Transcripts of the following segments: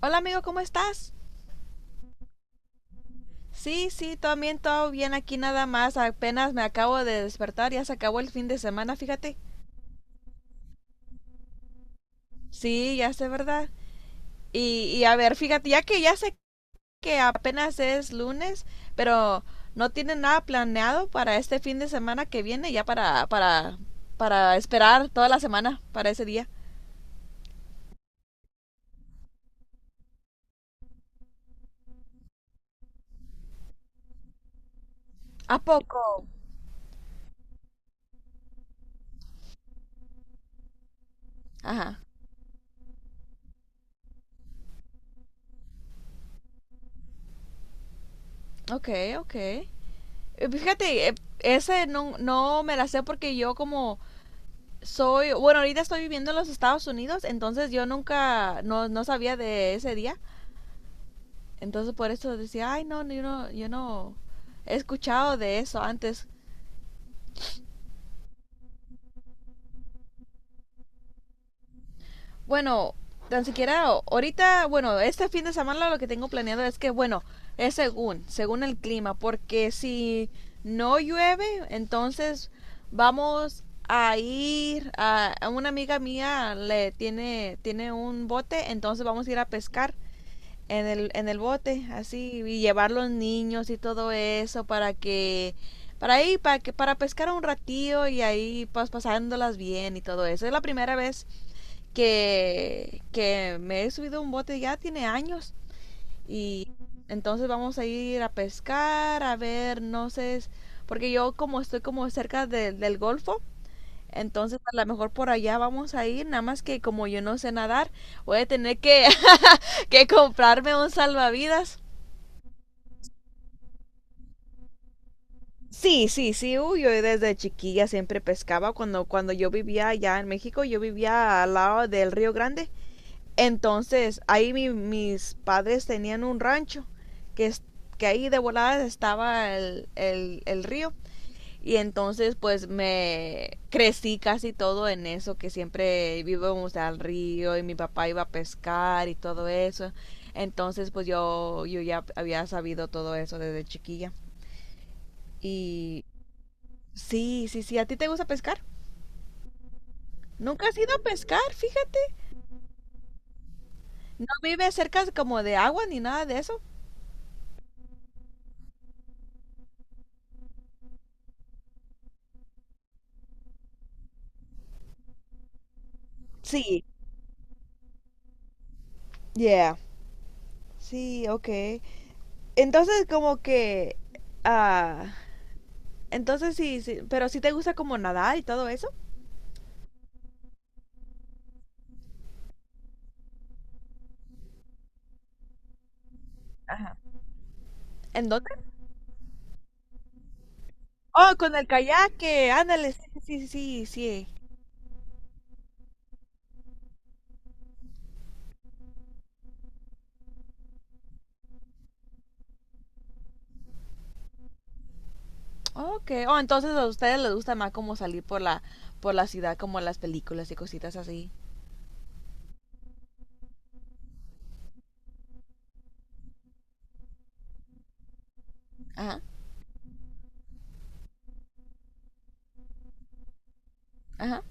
Hola amigo, ¿cómo estás? Sí, sí, también todo bien aquí nada más. Apenas me acabo de despertar, ya se acabó el fin de semana, fíjate. Sí, ya sé, ¿verdad? Y a ver, fíjate, ya que ya sé que apenas es lunes, pero no tienen nada planeado para este fin de semana que viene, ya para esperar toda la semana para ese día. ¿A poco? Ajá. Ok, ok. Fíjate, ese no me la sé porque yo como soy, bueno, ahorita estoy viviendo en los Estados Unidos, entonces yo nunca, no, no sabía de ese día. Entonces por eso decía, ay, no, no, yo no, yo no he escuchado de eso antes. Bueno, tan siquiera ahorita, bueno, este fin de semana lo que tengo planeado es que, bueno, es según el clima, porque si no llueve, entonces vamos a ir a una amiga mía le tiene un bote, entonces vamos a ir a pescar en el bote, así, y llevar los niños y todo eso para que, para ahí, para que, para pescar un ratío y ahí pues pasándolas bien y todo eso. Es la primera vez que me he subido a un bote, ya tiene años. Y entonces vamos a ir a pescar, a ver, no sé, porque yo como estoy como cerca del golfo, entonces, a lo mejor por allá vamos a ir, nada más que como yo no sé nadar, voy a tener que comprarme un salvavidas. Sí, sí, sí, uy, yo desde chiquilla siempre pescaba cuando yo vivía allá en México, yo vivía al lado del Río Grande. Entonces, ahí mis padres tenían un rancho que, es- que ahí de voladas estaba el río. Y entonces pues me crecí casi todo en eso, que siempre vivimos al río y mi papá iba a pescar y todo eso. Entonces pues yo ya había sabido todo eso desde chiquilla. Y sí, sí, sí, ¿a ti te gusta pescar? Nunca has ido a pescar, fíjate. No vives cerca como de agua ni nada de eso. Sí, yeah. Sí, ok. Entonces como que... ah, entonces sí, sí, pero sí te gusta como nadar y todo eso. ¿En dónde? Oh, con el kayaque, ándale, sí, sí, sí, sí, sí. Ok, oh, entonces a ustedes les gusta más como salir por la ciudad, como las películas y cositas así. Ajá, ajá,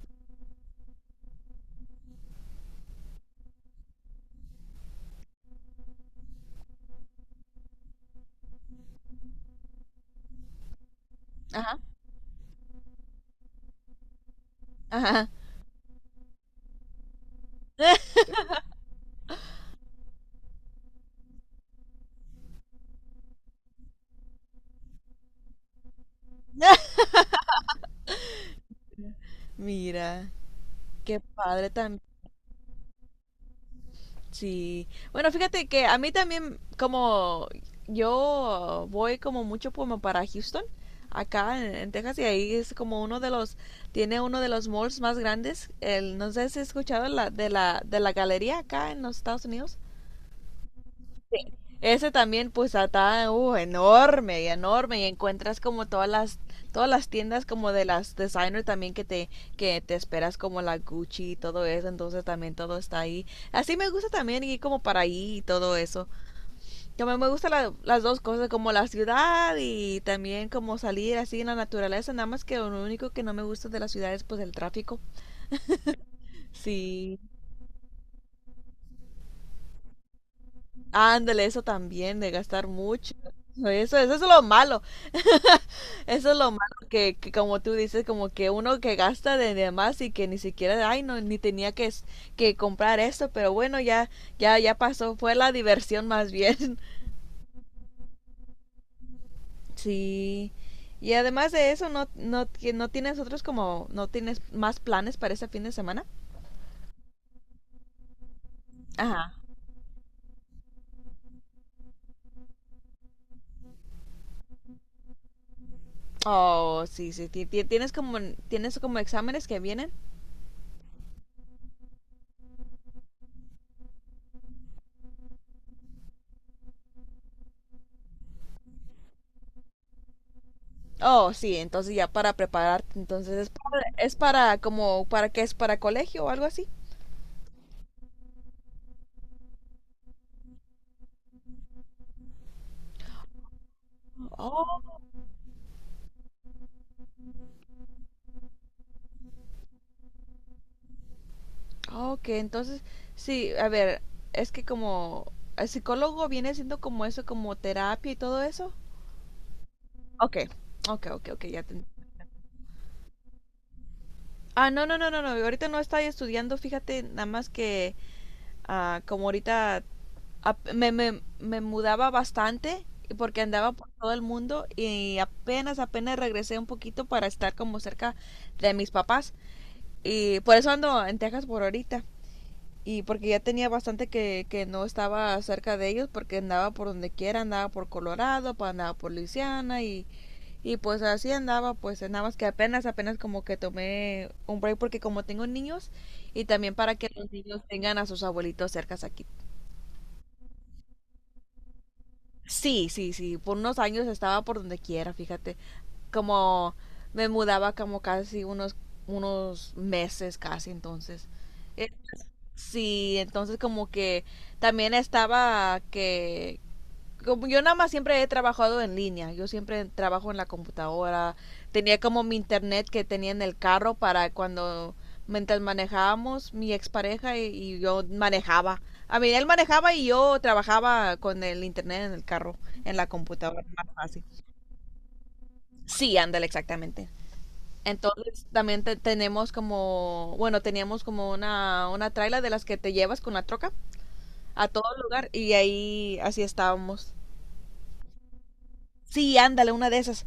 ajá, ajá. Mira, qué padre tan... Sí. Bueno, fíjate que a mí también, como yo voy como mucho como para Houston, acá en Texas, y ahí es como uno de los, tiene uno de los malls más grandes. El, no sé si has escuchado de la galería acá en los Estados Unidos. Ese también, pues, está enorme y enorme. Y encuentras como todas las tiendas como de las designer también que te esperas como la Gucci y todo eso. Entonces también todo está ahí. Así me gusta también ir como para ahí y todo eso. También me gustan las dos cosas, como la ciudad y también como salir así en la naturaleza. Nada más que lo único que no me gusta de la ciudad es pues el tráfico. Sí. Ándale, eso también, de gastar mucho. Eso es lo malo. Eso es lo malo que como tú dices, como que uno que gasta de demás y que ni siquiera, ay, no, ni tenía que comprar esto, pero bueno, ya pasó, fue la diversión más bien. Sí. Y además de eso, ¿ no tienes otros como, no tienes más planes para este fin de semana? Ajá. Oh, sí, sí, tienes como exámenes que vienen. Oh, sí, entonces ya para prepararte, entonces es para como, ¿para qué es? ¿Para colegio o algo así? Ah, ok, entonces, sí, a ver, es que como el psicólogo viene siendo como eso, como terapia y todo eso. Ok, ok, ya te... Ah, no, ahorita no estoy estudiando, fíjate, nada más que como ahorita me mudaba bastante y porque andaba por todo el mundo y apenas regresé un poquito para estar como cerca de mis papás y por eso ando en Texas por ahorita. Y porque ya tenía bastante que no estaba cerca de ellos porque andaba por donde quiera, andaba por Colorado, andaba por Luisiana y pues así andaba, pues nada más que apenas como que tomé un break porque como tengo niños y también para que los niños tengan a sus abuelitos cercas aquí. Sí, sí, sí, por unos años estaba por donde quiera, fíjate, como me mudaba como casi unos meses casi entonces. Sí, entonces como que también estaba que como yo nada más siempre he trabajado en línea, yo siempre trabajo en la computadora, tenía como mi internet que tenía en el carro para cuando mientras manejábamos mi expareja y yo manejaba. A mí él manejaba y yo trabajaba con el internet en el carro, en la computadora, más fácil. Sí, ándale, exactamente. Entonces también tenemos como, bueno, teníamos como una traila de las que te llevas con la troca a todo lugar y ahí así estábamos. Sí, ándale, una de esas.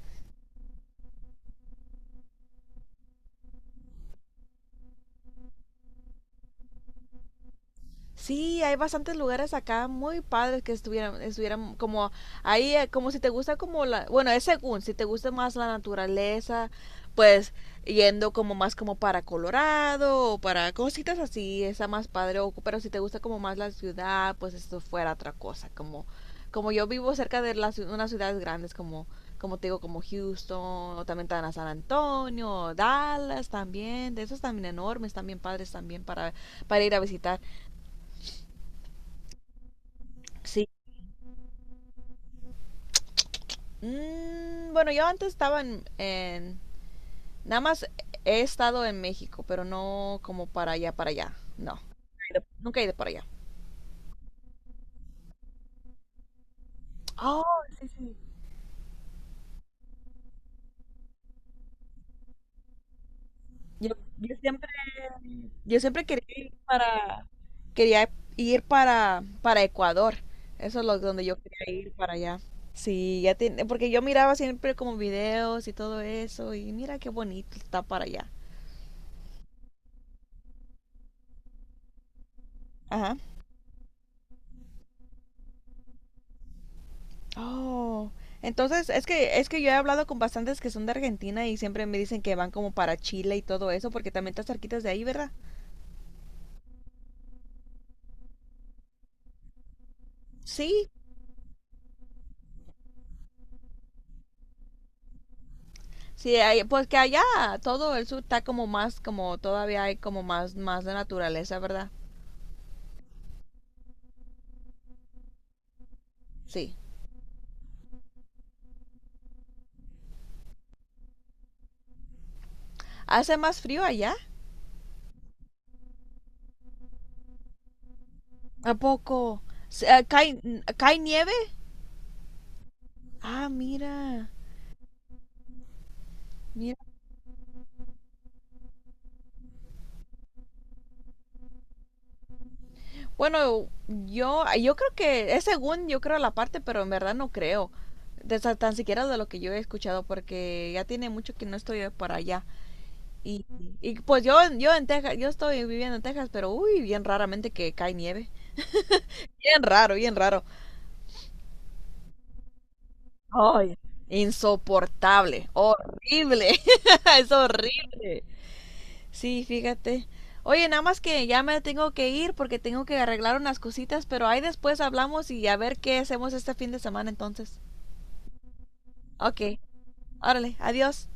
Sí, hay bastantes lugares acá muy padres que estuvieran como ahí, como si te gusta como la, bueno, es según, si te gusta más la naturaleza, pues yendo como más como para Colorado o para cositas así, está más padre, o- pero si te gusta como más la ciudad, pues esto fuera otra cosa, como, como yo vivo cerca de las, unas ciudades grandes como, como te digo, como Houston, o también están a San Antonio, o Dallas también, de esos también enormes, también padres también para ir a visitar. Sí. Mm, bueno, yo antes estaba nada más he estado en México, pero no como para allá, para allá. No. Nunca he ido, nunca he ido para allá. Oh, sí, sí. Yo, yo siempre, yo siempre quería ir para... Quería ir para Ecuador. Eso es lo, donde yo quería ir para allá. Sí, ya tiene, porque yo miraba siempre como videos y todo eso y mira qué bonito está para allá. Ajá. Oh, entonces es que yo he hablado con bastantes que son de Argentina y siempre me dicen que van como para Chile y todo eso porque también está cerquitas de ahí, ¿verdad? Sí, sí, hay- pues que allá todo el sur está como más, como todavía hay como más, más de naturaleza, ¿verdad? Sí. ¿Hace más frío allá? ¿A poco? Se- eh, ¿Cae, cae nieve? Ah, mira, bueno, yo creo que es según yo creo la parte, pero en verdad no creo. De tan siquiera de lo que yo he escuchado, porque ya tiene mucho que no estoy por allá. Y, y pues yo en Texas, yo estoy viviendo en Texas, pero uy, bien raramente que cae nieve. Bien raro, bien raro. Ay, insoportable, horrible. Es horrible. Sí, fíjate. Oye, nada más que ya me tengo que ir porque tengo que arreglar unas cositas, pero ahí después hablamos y a ver qué hacemos este fin de semana entonces. Ok, órale, adiós.